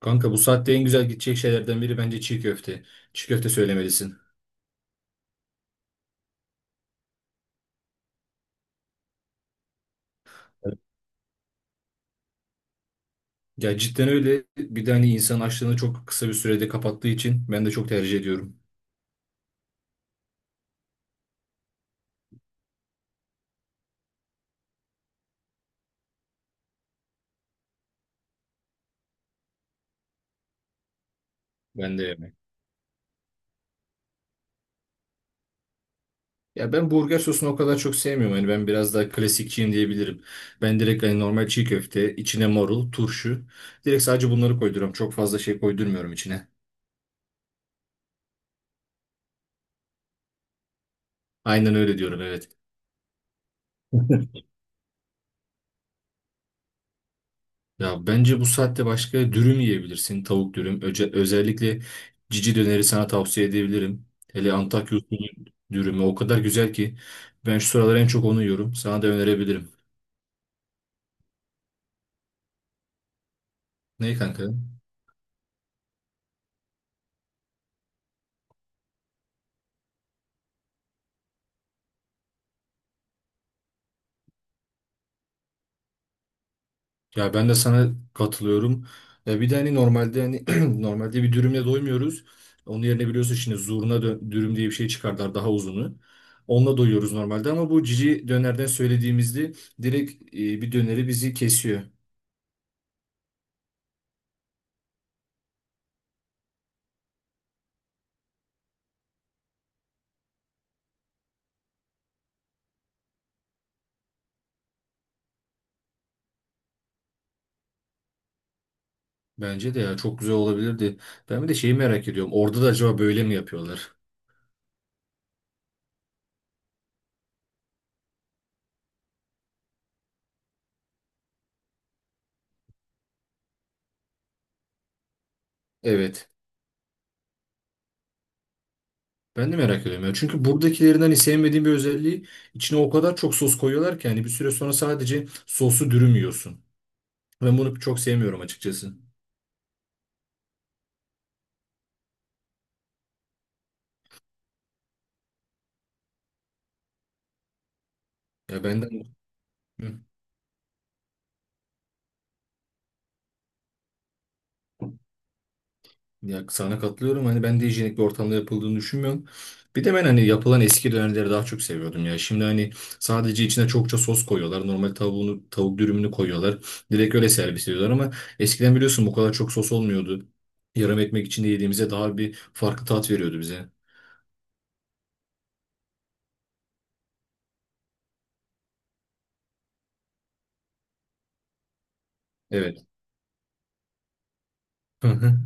Kanka, bu saatte en güzel gidecek şeylerden biri bence çiğ köfte. Çiğ köfte söylemelisin. Evet. Ya cidden öyle. Bir de hani insan açlığını çok kısa bir sürede kapattığı için ben de çok tercih ediyorum. Ben de yemek. Ya ben burger sosunu o kadar çok sevmiyorum. Hani ben biraz daha klasikçiyim diyebilirim. Ben direkt hani normal çiğ köfte, içine marul, turşu. Direkt sadece bunları koyduruyorum. Çok fazla şey koydurmuyorum içine. Aynen öyle diyorum, evet. Ya bence bu saatte başka dürüm yiyebilirsin. Tavuk dürüm. Özellikle cici döneri sana tavsiye edebilirim. Hele Antakya usulü dürümü o kadar güzel ki ben şu sıralar en çok onu yiyorum. Sana da önerebilirim. Ne kanka? Ya ben de sana katılıyorum. Ya bir de hani normalde hani normalde bir dürümle doymuyoruz. Onun yerine biliyorsun şimdi dürüm diye bir şey çıkardılar, daha uzunu. Onunla doyuyoruz normalde ama bu cici dönerden söylediğimizde direkt bir döneri bizi kesiyor. Bence de ya çok güzel olabilirdi. Ben bir de şeyi merak ediyorum. Orada da acaba böyle mi yapıyorlar? Evet. Ben de merak ediyorum ya. Çünkü buradakilerinden hani sevmediğim bir özelliği, içine o kadar çok sos koyuyorlar ki hani bir süre sonra sadece sosu dürüm yiyorsun. Ben bunu çok sevmiyorum açıkçası. Ya benden. Ya sana katılıyorum. Hani ben de hijyenik bir ortamda yapıldığını düşünmüyorum. Bir de ben hani yapılan eski dönerleri daha çok seviyordum ya. Şimdi hani sadece içine çokça sos koyuyorlar. Normal tavuğunu, tavuk dürümünü koyuyorlar. Direkt öyle servis ediyorlar ama eskiden biliyorsun bu kadar çok sos olmuyordu. Yarım ekmek içinde yediğimize daha bir farklı tat veriyordu bize. Evet. Hı hı.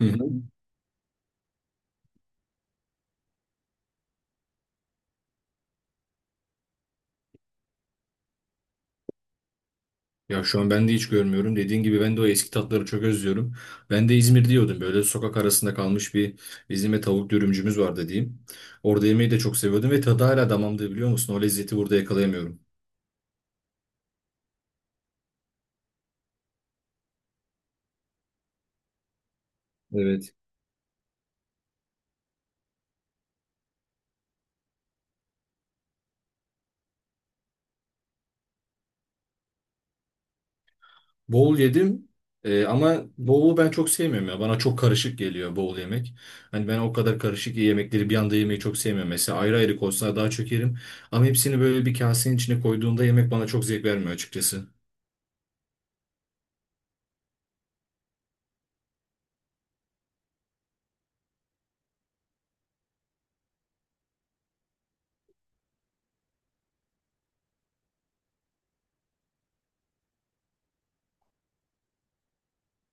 Hı hı. Ya şu an ben de hiç görmüyorum. Dediğin gibi ben de o eski tatları çok özlüyorum. Ben de İzmir diyordum. Böyle sokak arasında kalmış bir İzmir'de tavuk dürümcümüz vardı diyeyim. Orada yemeği de çok seviyordum ve tadı hala damağımda, biliyor musun? O lezzeti burada yakalayamıyorum. Evet. Bol yedim. Ama bolu ben çok sevmiyorum ya. Bana çok karışık geliyor bol yemek. Hani ben o kadar karışık yemekleri bir anda yemeyi çok sevmiyorum. Mesela ayrı ayrı konsa daha çok yerim. Ama hepsini böyle bir kasenin içine koyduğunda yemek bana çok zevk vermiyor açıkçası.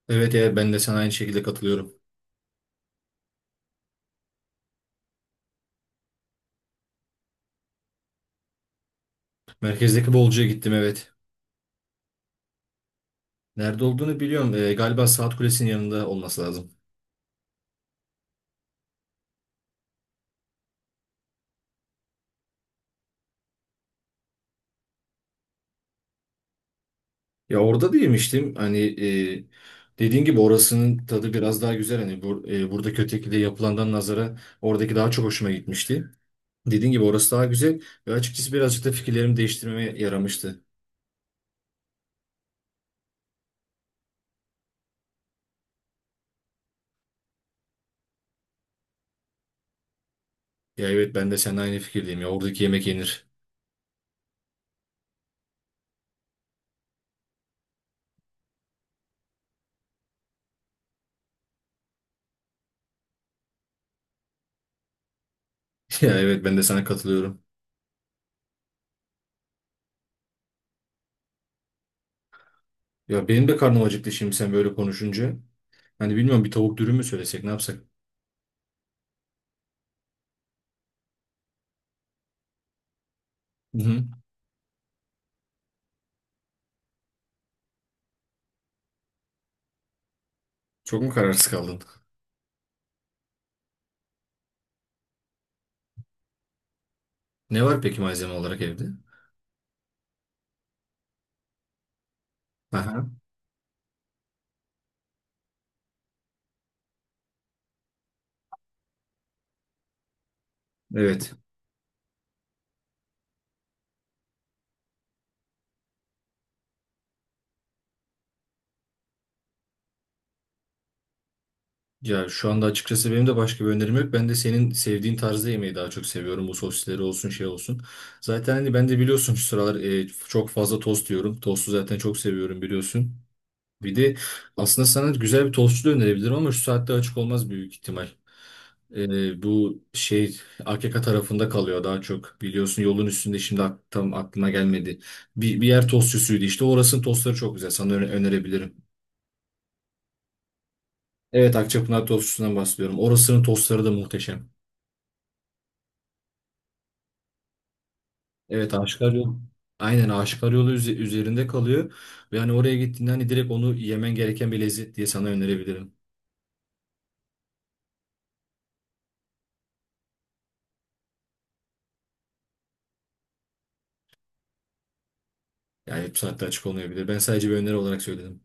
Evet, evet, ben de sana aynı şekilde katılıyorum. Merkezdeki bolcuya gittim, evet. Nerede olduğunu biliyorum. Galiba Saat Kulesi'nin yanında olması lazım. Ya orada da yemiştim. Hani dediğin gibi orasının tadı biraz daha güzel. Hani buradaki ötekide yapılandan nazara oradaki daha çok hoşuma gitmişti. Dediğin gibi orası daha güzel ve açıkçası birazcık da fikirlerimi değiştirmeme yaramıştı. Ya evet, ben de seninle aynı fikirdeyim ya, oradaki yemek yenir. Ya evet, ben de sana katılıyorum. Ya benim de karnım acıktı şimdi sen böyle konuşunca. Hani bilmiyorum, bir tavuk dürüm mü söylesek, ne yapsak? Hı hı. Çok mu kararsız kaldın? Ne var peki malzeme olarak evde? Aha, evet. Ya şu anda açıkçası benim de başka bir önerim yok. Ben de senin sevdiğin tarzda yemeği daha çok seviyorum. Bu sosisleri olsun, şey olsun. Zaten hani ben de biliyorsun şu sıralar çok fazla tost yiyorum. Tostu zaten çok seviyorum, biliyorsun. Bir de aslında sana güzel bir tostçu da önerebilirim ama şu saatte açık olmaz büyük ihtimal. Bu şey AKK tarafında kalıyor daha çok. Biliyorsun yolun üstünde şimdi tam aklıma gelmedi. Bir yer tostçusuydu işte. Orasının tostları çok güzel. Sana önerebilirim. Evet, Akçapınar tostçusundan bahsediyorum. Orasının tostları da muhteşem. Evet, Aşıklar Yolu. Aynen Aşıklar Yolu üzerinde kalıyor. Ve hani oraya gittiğinde hani direkt onu yemen gereken bir lezzet diye sana önerebilirim. Yani bu saatte açık olmayabilir. Ben sadece bir öneri olarak söyledim.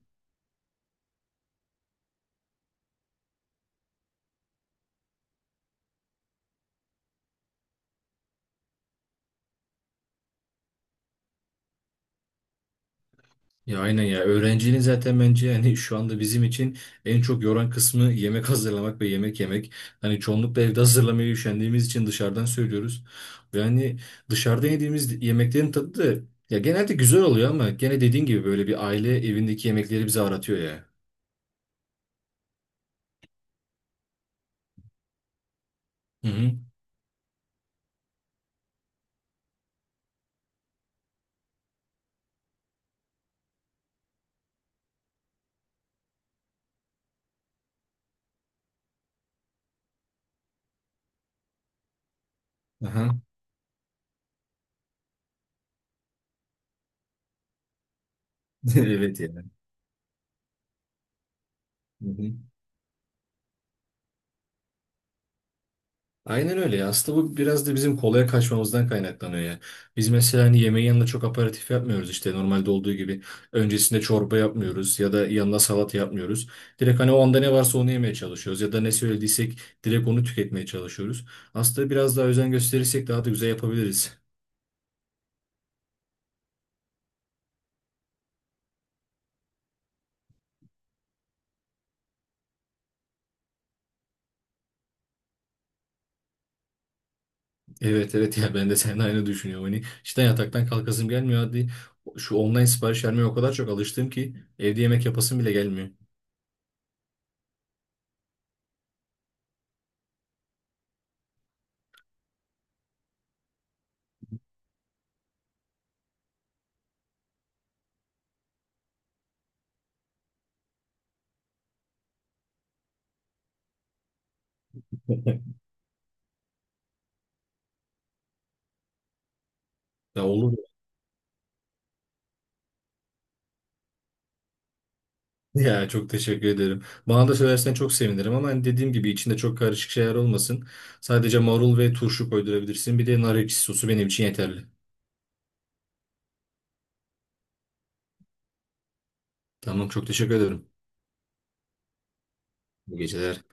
Ya aynen ya. Öğrenciliğin zaten bence yani şu anda bizim için en çok yoran kısmı yemek hazırlamak ve yemek yemek. Hani çoğunlukla evde hazırlamaya üşendiğimiz için dışarıdan söylüyoruz. Yani dışarıda yediğimiz yemeklerin tadı da ya genelde güzel oluyor ama gene dediğin gibi böyle bir aile evindeki yemekleri bize aratıyor ya. Hı hı. Aha. Evet yani. Aynen öyle ya. Aslında bu biraz da bizim kolaya kaçmamızdan kaynaklanıyor ya. Biz mesela hani yemeğin yanında çok aperatif yapmıyoruz işte normalde olduğu gibi. Öncesinde çorba yapmıyoruz ya da yanına salata yapmıyoruz. Direkt hani o anda ne varsa onu yemeye çalışıyoruz ya da ne söylediysek direkt onu tüketmeye çalışıyoruz. Aslında biraz daha özen gösterirsek daha da güzel yapabiliriz. Evet, evet, ya ben de seninle aynı düşünüyorum. Hani işte yataktan kalkasım gelmiyor. Hadi, şu online sipariş vermeye o kadar çok alıştım ki evde yemek yapasım bile gelmiyor. Ya olur. Ya çok teşekkür ederim. Bana da söylersen çok sevinirim ama hani dediğim gibi içinde çok karışık şeyler olmasın. Sadece marul ve turşu koydurabilirsin. Bir de nar ekşi sosu benim için yeterli. Tamam, çok teşekkür ederim. Bu geceler.